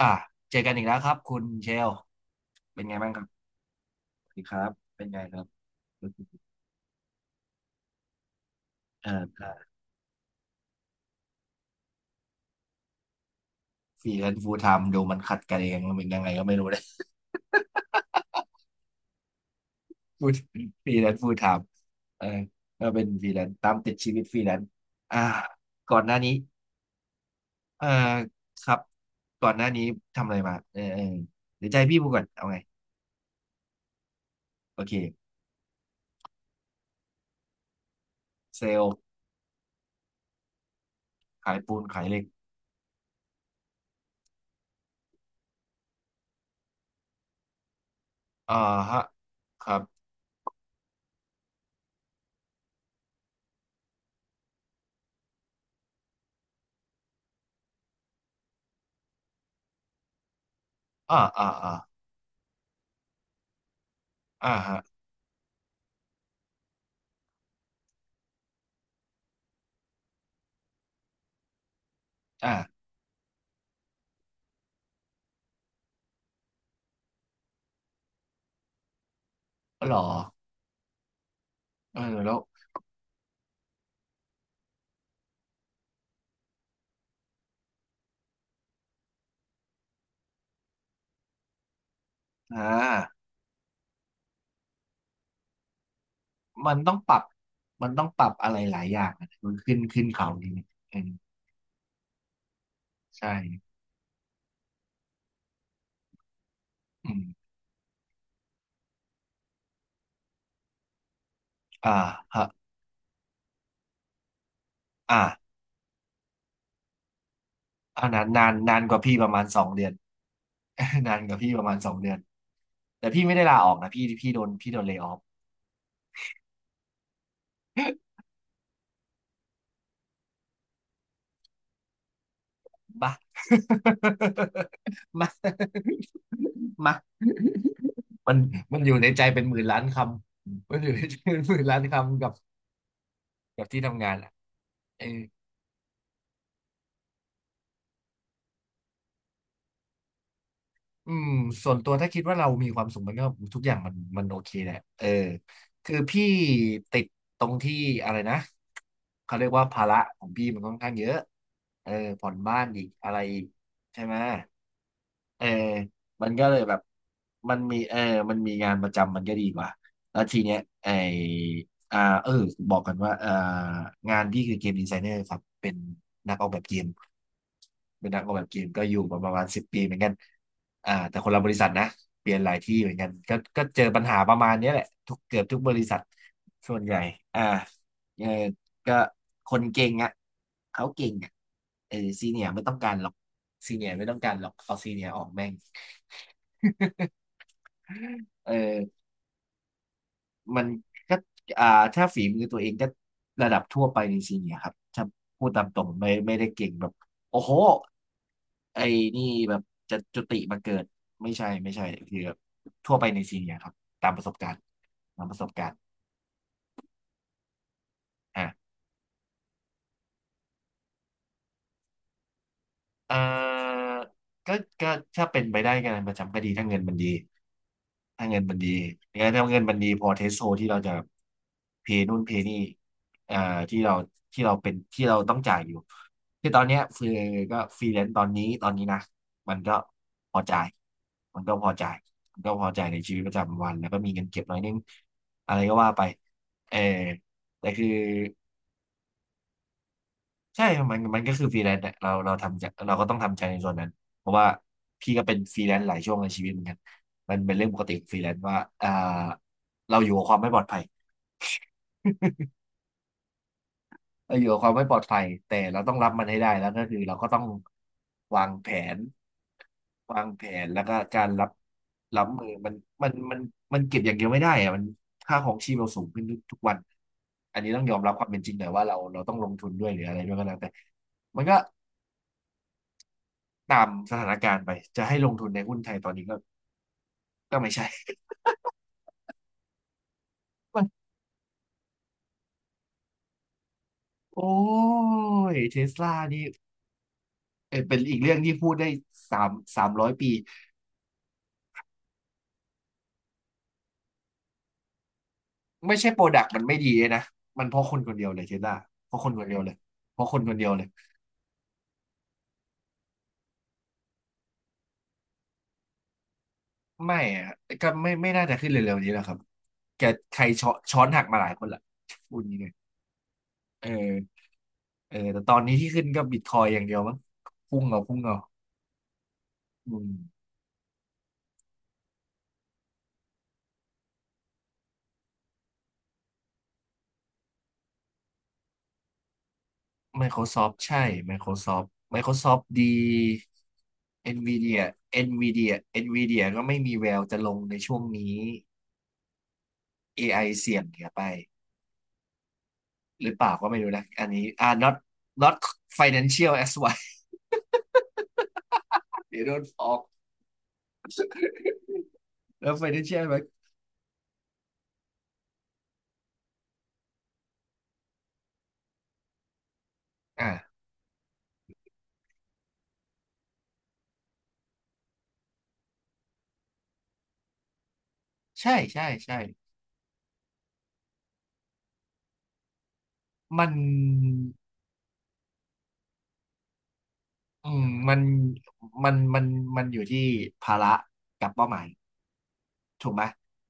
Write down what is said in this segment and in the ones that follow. อ่ะเจอกันอีกแล้วครับคุณเชลเป็นไงบ้างครับสวัสดีครับเป็นไงครับเอ่าอ่าฟรีแลนซ์ฟูลไทม์ดูมันขัดกันเองมันเป็นยังไงก็ไม่รู้เลย พูดฟรีแลนซ์ฟูลไทม์เออก็เป็นฟรีแลนซ์ตามติดชีวิตฟรีแลนซ์อ่าก่อนหน้านี้เออครับก่อนหน้านี้ทำอะไรมาเออเออเดี๋ยวใจพี่พูดก่อนเอาไงโอเคเซลล์ขายปูนขายเหล็กอ่าฮะครับอ่าอ่าอ่าอ่าฮะอ่าอ๋อเหรอเออแล้วอ่า มันต้องปรับมันต้องปรับอะไรหลายอย่างนะมันขึ้นขึ้นเขานี่เออใช่อืมอ่าฮะอ่าอนนานนานนานกว่าพี่ประมาณสองเดือน นานกว่าพี่ประมาณสองเดือนแต่พี่ไม่ได้ลาออกนะพี่พี่โดนพี่โดนเลย์ออฟบ้า มามามันมันอยู่ในใจเป็นหมื่นล้านคำมันอยู่ในใจเป็นหมื่นล้านคำกับกับที่ทำงานอ่ะเออ อืมส่วนตัวถ้าคิดว่าเรามีความสุขมันก็ทุกอย่างมันมันโอเคแหละเออคือพี่ติดตรงที่อะไรนะเขาเรียกว่าภาระของพี่มันค่อนข้างเยอะเออผ่อนบ้านอีกอะไรอีกใช่ไหมเออมันก็เลยแบบมันมีเออมันมีงานประจำมันก็ดีกว่าแล้วทีเนี้ยไอ อ่าเออบอกกันว่าอ่างานพี่คือเกมดีไซเนอร์ครับเป็นนักออกแบบเกมเป็นนักออกแบบเกมก็อยู่มาประมาณสิบปีเหมือนกันอ่าแต่คนละบริษัทนะเปลี่ยนหลายที่เหมือนกันก็ก็เจอปัญหาประมาณเนี้ยแหละทุกเกือบทุกบริษัทส่วนใหญ่อ่าเออก็คนเก่งอ่ะเขาเก่งอ่ะเออซีเนียไม่ต้องการหรอกซีเนียไม่ต้องการหรอกเอาซีเนียออกแม่งเออ มันก็อ่าถ้าฝีมือตัวเองก็ระดับทั่วไปในซีเนียร์ครับถ้าพูดตามตรงไม่ไม่ได้เก่งแบบโอ้โหไอ้นี่แบบจะจุติมาเกิดไม่ใช่ไม่ใช่คือแบบทั่วไปในซีเนียร์ครับตามประสบการณ์ตามประสบการณ์อ่ะ เอ่อก็ก็ถ้าเป็นไปได้งานประจำก็ดีถ้าเงินมันดีถ้าเงินมันดีงั้นยถ้าเงินมันดีพอเทสโซที่เราจะเพย์นู่นเพย์นี่เอ่อที่เราที่เราเป็นที่เราต้องจ่ายอยู่ ที่ตอนเนี้ยฟรีก็ฟรีแลนซ์ตอนนี้ตอนนี้นะมันก็พอจ่ายมันก็พอจ่ายมันก็พอจ่ายในชีวิตประจำวันแล้วก็มีเงินเก็บหน่อยนึง อะไรก็ว่าไปเออแต่คือ ใช่มันมันก็คือฟรีแลนซ์อะเราเราทำใจเราก็ต้องทำใจในส่วนนั้นเพราะว่าพี่ก็เป็นฟรีแลนซ์หลายช่วงในชีวิตเหมือนกันมันเป็นเรื่องปกติของฟรีแลนซ์ว่าอ่าเราอยู่กับความไม่ปลอดภัยเราอยู่กับความไม่ปลอดภัยแต่เราต้องรับมันให้ได้แล้วก็คือเราก็ต้องวางแผนวางแผนแล้วก็การรับรับมือมันมันมันมันเก็บอย่างเดียวไม่ได้อะมันค่าของชีพเราสูงขึ้นทุกทุกวันอันนี้ต้องยอมรับความเป็นจริงหน่อยว่าเราเราต้องลงทุนด้วยหรืออะไรด้วยก็แล้วแต่มันก็ ตามสถานการณ์ไปจะให้ลงทุนในหุ้นไทยตอนนี้ก็ก็ไม่ใช่ มันโอ้ยเทสลานี่เป็นอีกเรื่องที่พูดได้สามสามร้อยปีไม่ใช่โปรดักต์มันไม่ดีเลยนะมันเพราะคนคนเดียวเลยเทสลาเพราะคนคนเดียวเลยเพราะคนคนเดียวเลยไม่อะก็ไม่ไม่น่าจะขึ้นเร็วๆนี้แล้วครับแกใครช้อนช้อนหักมาหลายคนละพูดนี้เลยเออเออแต่ตอนนี้ที่ขึ้นก็บิตคอยอย่างเดียวมั้งพุ่งเอาพุ่งเอาอืม Microsoft ใช่ Microsoft Microsoft ดี Nvidia Nvidia Nvidia ก็ไม่มีแววจะลงในช่วงนี้ AI เสี่ยงเหียไปหรือเปล่าก็ไม่รู้นะอันนี้อ่า not not financial as why they don't ฟ a l k แล้ว financial ไหมอ่าใช่ใช่ใช่มันอืมมันมันอยู่ที่ภาระกับเป้าหมาย ถูกไหม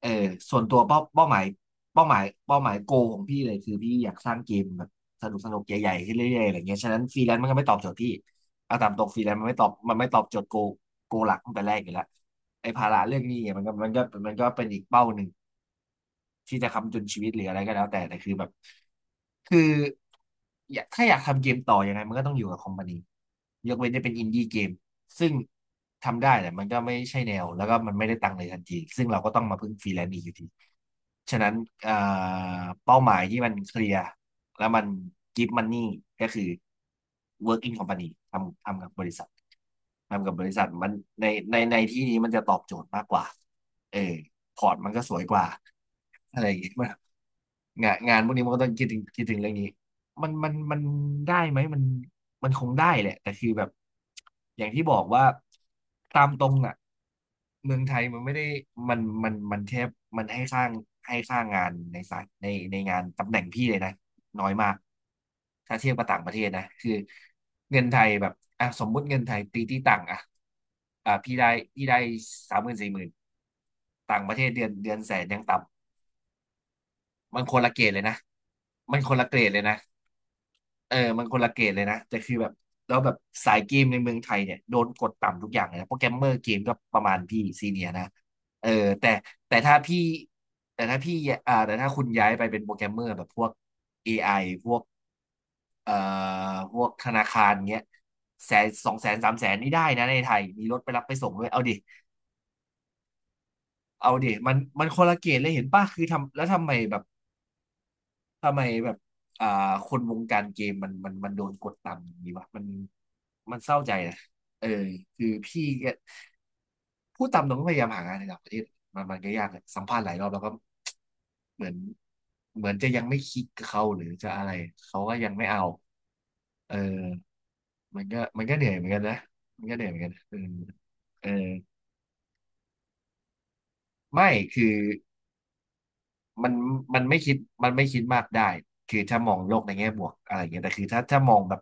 เออส่วนตัวเป้าเป้าหมายเป้าหมายโกของพี่เลยคือพี่อยากสร้างเกมแบบสนุกสนุกใหญ่ๆขึ้นเรื่อยๆอะไรเงี้ยฉะนั้นฟรีแลนซ์มันก็ไม่ตอบโจทย์พี่เอาตามตรงฟรีแลนซ์มันไม่ตอบมันไม่ตอบโจทย์โกโกหลักตั้งแต่แรกอยู่แล้วไอ้ภาระเรื่องนี้เนี่ยมันก็มันก็เป็นอีกเป้าหนึ่ง ที่จะค้ำจุนชีวิตหรืออะไรก็แล้วแต่แต่คือแบบคืออยากถ้าอยากทำเกมต่อยังไงมันก็ต้องอยู่กับคอมพานียกเว้นจะเป็นอินดี้เกมซึ่งทำได้แต่มันก็ไม่ใช่แนวแล้วก็มันไม่ได้ตังค์เลยทันทีซึ่งเราก็ต้องมาพึ่งฟรีแลนซ์อีกอยู่ดีฉะนั้นเอ่อเป้าหมายที่มันเคลียร์แล้วมันกิฟต์มันนี่ก็คือ work in company ทำกับบริษัททำกับบริษัทมันในในที่นี้มันจะตอบโจทย์มากกว่าเออ พอร์ตมันก็สวยกว่าอะไรอย่างเงี้ยมันงานพวกนี้มันก็ต้องคิดถึงเรื่องนี้มันมันได้ไหมมันมันคงได้แหละแต่คือแบบอย่างที่บอกว่าตามตรงอ่ะเมืองไทยมันไม่ได้มันมันแทบมันให้สร้างงานในสายในงานตำแหน่งพี่เลยนะ น้อยมากถ้าเทียบกับต่างประเทศนะคือเงินไทยแบบอ่ะสมมุติเงินไทยตีที่ต่างอ่ะอ่ะพี่ได้สามหมื่นสี่หมื่นต่างประเทศเดือนแสนยังต่ำมันคนละเกรดเลยนะมันคนละเกรดเลยนะเออมันคนละเกรดเลยนะ แต่คือแบบแล้วแบบสายเกมในเมืองไทยเนี่ยโดนกดต่ำทุกอย่างเลยนะโปรแกรมเมอร์เกมก็ประมาณพี่ซีเนียนะเออแต่แต่ถ้าพี่แต่ถ้าพี่แต่ถ้าคุณย้ายไปเป็นโปรแกรมเมอร์แบบพวก AI พวก เอ่อพวกธนาคารเงี้ยแสนสองแสนสามแสนนี่ได้นะในไทยมีรถไปรับไปส่งด้วยเอาดิเอาดิมันคนละเกณฑ์เลยเห็นป่ะคือทำแล้วทำไมแบบทำไมแบบอ่าคนวงการเกมมันมันโดนกดต่ำอย่างนี้วะมันมันเศร้าใจนะเออคือพี่ก็พูดตามตรงก็พยายามหางานในต่างประเทศมันก็ยากเลยสัมภาษณ์หลายรอบแล้วก็เหมือนจะยังไม่คลิกกับเขาหรือจะอะไรเขาก็ยังไม่เอาเออ มันก็เหนื่อยเหมือนกันนะมันก็เหนื่อยเหมือนกันเออเออไม่คือมันมันไม่คิดมันไม่คิดมากได้คือถ้ามองโลกในแง่บวกอะไรอย่างเงี้ยแต่คือถ้ามองแบบ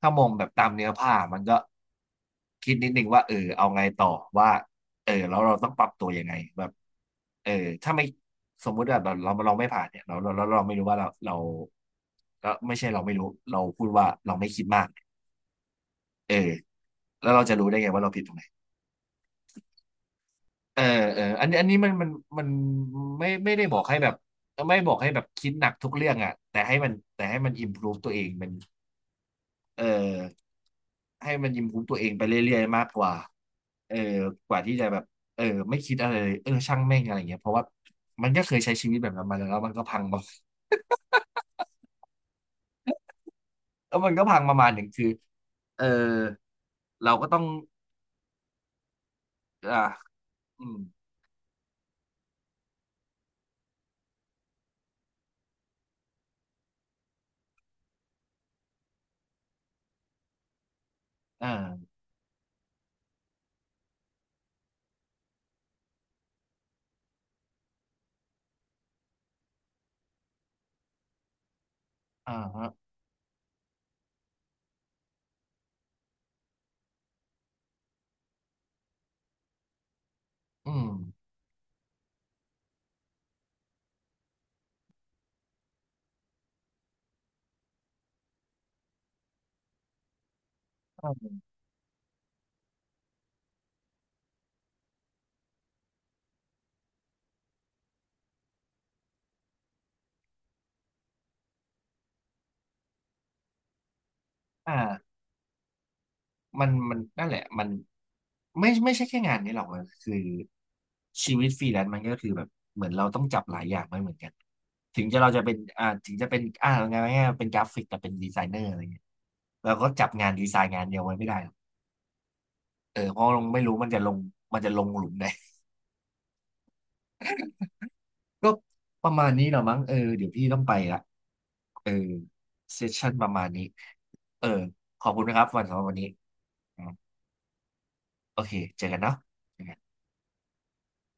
ตามเนื้อผ้ามันก็คิดนิดนึงว่าเออเอาไงต่อว่าเออแล้วเราต้องปรับตัวยังไงแบบเออถ้าไม่สมมุติว่าเราไม่ผ่านเนี่ยเราไม่รู้ว่าเราเราไม่ใช่เราไม่รู้เราพูดว่าเราไม่คิดมากเออแล้วเราจะรู้ได้ไงว่าเราผิดตรงไหน เออเอออันนี้มันมันไม่ได้บอกให้แบบไม่บอกให้แบบคิดหนักทุกเรื่องอ่ะแต่ให้มันอิ p พ o v e ตัวเองมันเออให้มันอิ p พ o v e ตัวเองไปเรื่อยๆมากกว่าเออกว่าที่จะแบบเออไม่คิดอะไรเลยเออช่างแม่งอะไรเงี้ยเพราะว่ามันก็เคยใช้ชีวิตแบบนั้นมาแล้วแล้วมันก็พังมา แล้วมันก็พังประมาณหนึ่งคือเออเราก็ต้องอ่าอืมอ่าอ่าฮะอืมอ่า มันนั่นแหละมันไม่ใช่แค่งานนี้หรอกมันคือชีวิตฟรีแลนซ์มันก็คือแบบเหมือนเราต้องจับหลายอย่างไม่เหมือนกันถึงจะเราจะเป็นอ่าถึงจะเป็นอ่าไงายๆเป็นกราฟิกแต่เป็นดีไซเนอร์อะไรเงี้ยเราก็จับงานดีไซน์งานเดียวไว้ไม่ได้หรอกเออเพราะเราไม่รู้มันจะลงหลุมไหน ก็ประมาณนี้เหรอมั้งเออเดี๋ยวพี่ต้องไปละเออเซสชั่นประมาณนี้เออขอบคุณนะครับสำหรับวันนี้อ่าโอเคเจอกันเนาะ